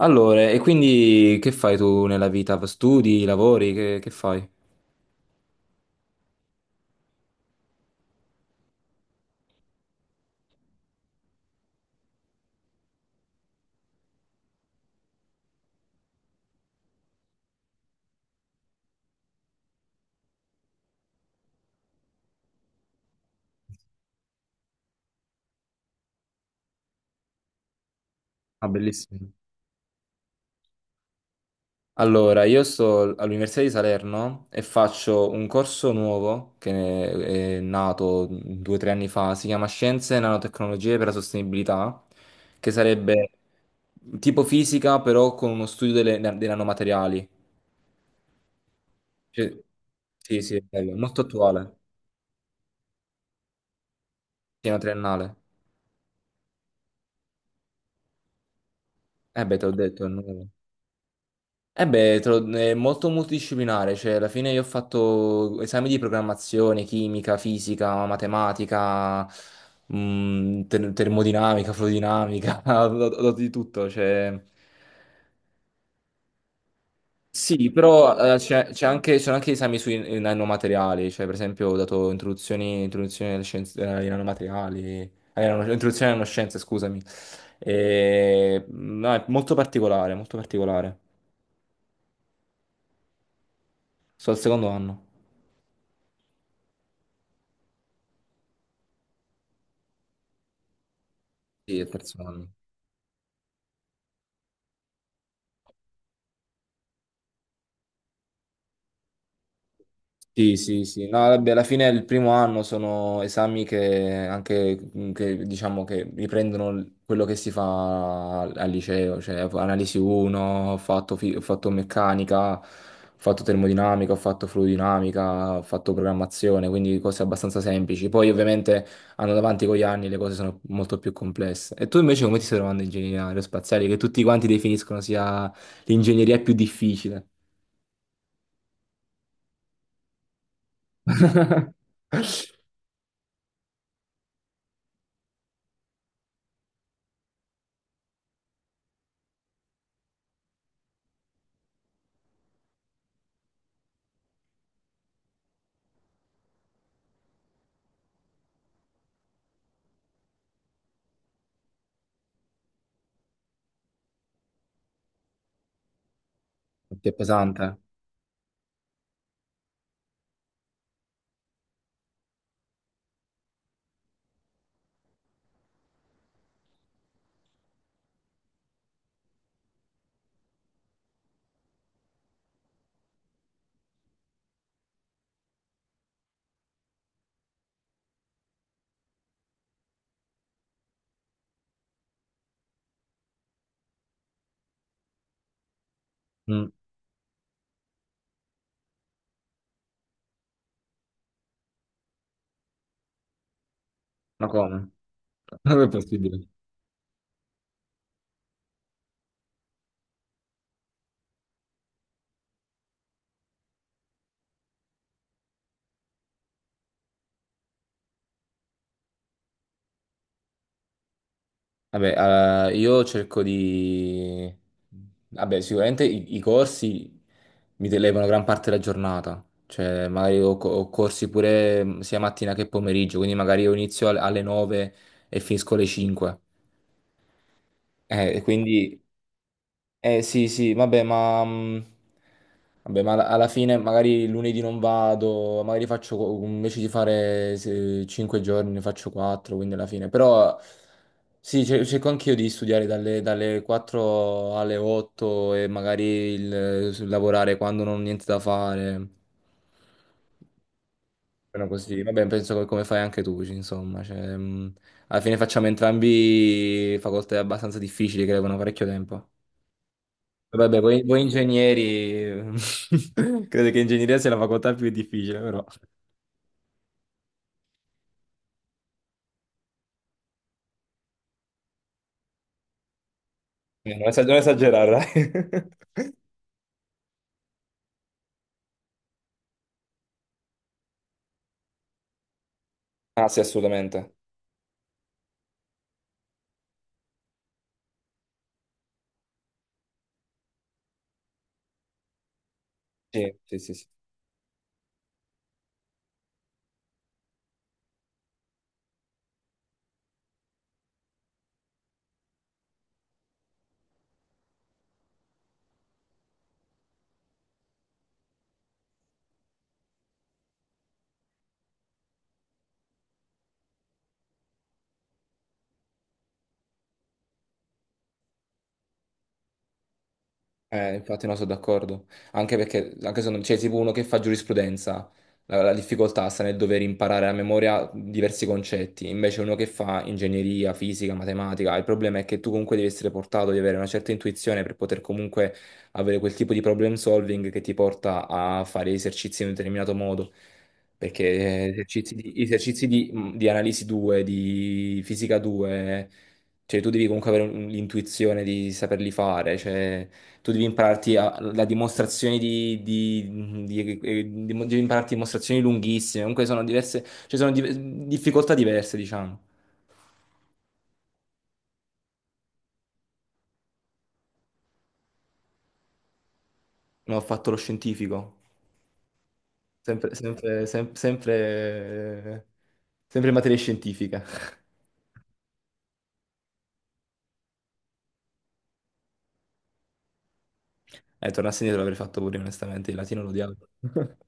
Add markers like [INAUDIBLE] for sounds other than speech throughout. Allora, e quindi che fai tu nella vita? Studi, lavori, che fai? Ah, bellissimo. Allora, io sto all'Università di Salerno e faccio un corso nuovo che è nato due o tre anni fa, si chiama Scienze e Nanotecnologie per la Sostenibilità, che sarebbe tipo fisica però con uno studio dei nanomateriali. Cioè, sì, sì, è bello, molto attuale, pieno triennale. Eh beh, te l'ho detto, è nuovo. Eh beh, è molto multidisciplinare, cioè alla fine io ho fatto esami di programmazione, chimica, fisica, matematica, termodinamica, fluidinamica, [LAUGHS] ho dato di tutto, cioè... Sì, però c'è anche, ci sono anche esami sui nanomateriali, cioè per esempio ho dato introduzioni alle scienze, ai nanomateriali, no, introduzione alle nanoscienze, scusami. E, no, è molto particolare, molto particolare. Sto al secondo anno. Sì, al terzo anno. Sì, sì, sì, no, vabbè, alla fine il primo anno sono esami che anche, mhmm, che, diciamo, che riprendono quello che si fa al liceo, cioè analisi 1, ho fatto, ho fatto meccanica, ho fatto termodinamica, ho fatto fluidinamica, ho fatto programmazione, quindi cose abbastanza semplici. Poi ovviamente andando avanti con gli anni le cose sono molto più complesse. E tu invece come ti stai trovando in ingegneria aerospaziale, che tutti quanti definiscono sia l'ingegneria più difficile? Perché è pesante, eh? Mm, ma come? Non è possibile. Vabbè, io cerco di... Vabbè, sicuramente i corsi mi televano gran parte della giornata, cioè magari ho, ho corsi pure sia mattina che pomeriggio, quindi magari io inizio alle 9 e finisco alle 5. E quindi eh sì, sì, vabbè, ma alla fine magari lunedì non vado, magari faccio invece di fare 5 giorni ne faccio 4, quindi alla fine. Però sì, cerco anch'io di studiare dalle 4 alle 8 e magari lavorare quando non ho niente da fare. Però così, vabbè, penso che come fai anche tu, insomma, cioè, alla fine facciamo entrambi facoltà abbastanza difficili che levano parecchio tempo. Vabbè, voi ingegneri, [LAUGHS] credo che ingegneria sia la facoltà più difficile, però. Non esagerare, non esagerare, dai. [LAUGHS] Ah, sì, assolutamente. Sì, sì, sì, sì. Infatti no, sono d'accordo. Anche perché, anche se non c'è tipo uno che fa giurisprudenza, la difficoltà sta nel dover imparare a memoria diversi concetti. Invece uno che fa ingegneria, fisica, matematica, il problema è che tu comunque devi essere portato, di avere una certa intuizione per poter comunque avere quel tipo di problem solving che ti porta a fare esercizi in un determinato modo. Perché esercizi di di analisi 2, di fisica 2, cioè tu devi comunque avere l'intuizione di saperli fare, cioè tu devi impararti la dimostrazione devi impararti dimostrazioni lunghissime, comunque sono diverse, ci sono difficoltà diverse, diciamo. Non ho fatto lo scientifico, sempre, eh, sempre in materia scientifica. [LAUGHS] Tornassi indietro l'avrei fatto pure, onestamente, il latino lo odiavo. [LAUGHS]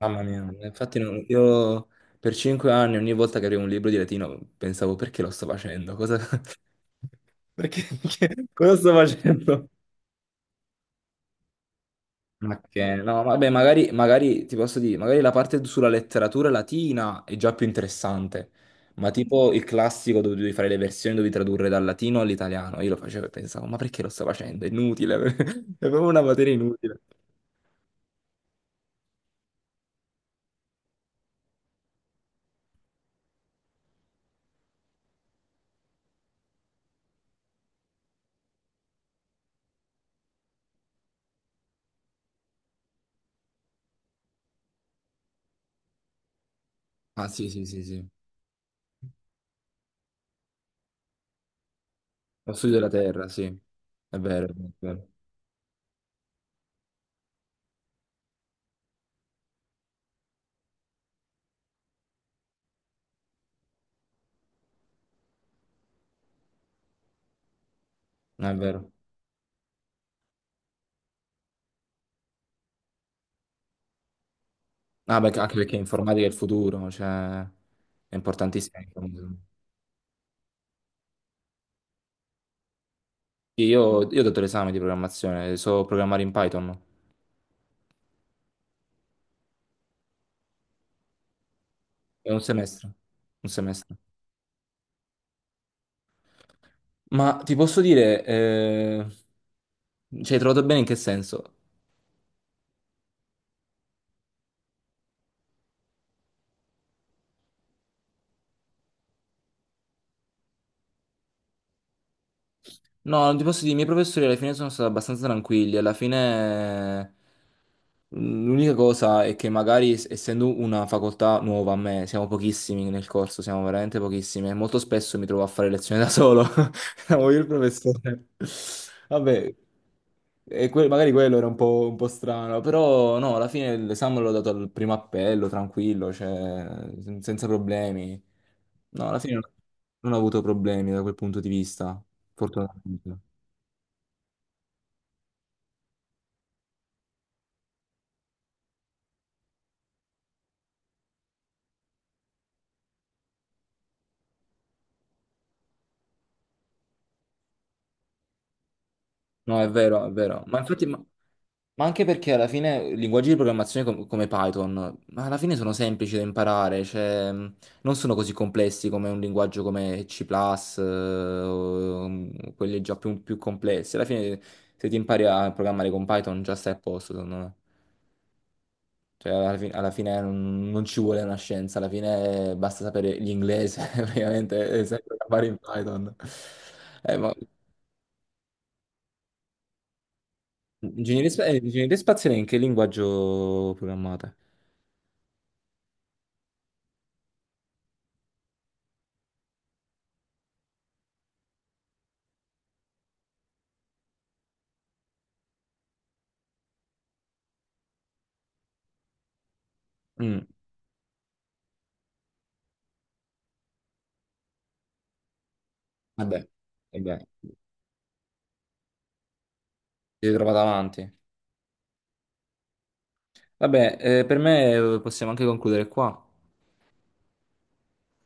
Mamma mia, infatti non- io per 5 anni ogni volta che avevo un libro di latino pensavo, perché lo sto facendo? Cosa, [LAUGHS] cosa sto facendo? Ok, no, vabbè, magari, magari ti posso dire, magari la parte sulla letteratura latina è già più interessante, ma tipo il classico dove devi fare le versioni, devi tradurre dal latino all'italiano. Io lo facevo e pensavo, ma perché lo sto facendo? È inutile, [LAUGHS] è proprio una materia inutile. Ah, sì, sì, sì, sì. Lo studio della terra, sì. È vero, è vero. È vero. Ah, anche perché informatica è il futuro, cioè è importantissimo. Sì, io, ho dato l'esame di programmazione, so programmare in Python. È un semestre. Un semestre. Ma ti posso dire, ci hai trovato bene in che senso? No, non ti posso dire, i miei professori alla fine sono stati abbastanza tranquilli, alla fine l'unica cosa è che magari essendo una facoltà nuova a me, siamo pochissimi nel corso, siamo veramente pochissimi e molto spesso mi trovo a fare lezioni da solo. [LAUGHS] Siamo io e il professore. Vabbè, e magari quello era un po' strano, però no, alla fine l'esame l'ho dato al primo appello, tranquillo, cioè, senza problemi. No, alla fine non ho avuto problemi da quel punto di vista, fortunatamente. No, è vero, è vero. Ma infatti... ma anche perché alla fine linguaggi di programmazione come Python, ma alla fine sono semplici da imparare, cioè non sono così complessi come un linguaggio come C++, eh, o quelli già più complessi. Alla fine se ti impari a programmare con Python già stai a posto, secondo me. Cioè alla fine non ci vuole una scienza, alla fine basta sapere l'inglese, [LAUGHS] praticamente, e sai programmare in Python. Ma ingegneria, ingegneria spaziale in che linguaggio programmate? Mm. Vabbè, vabbè, si trova davanti. Vabbè, per me possiamo anche concludere qua.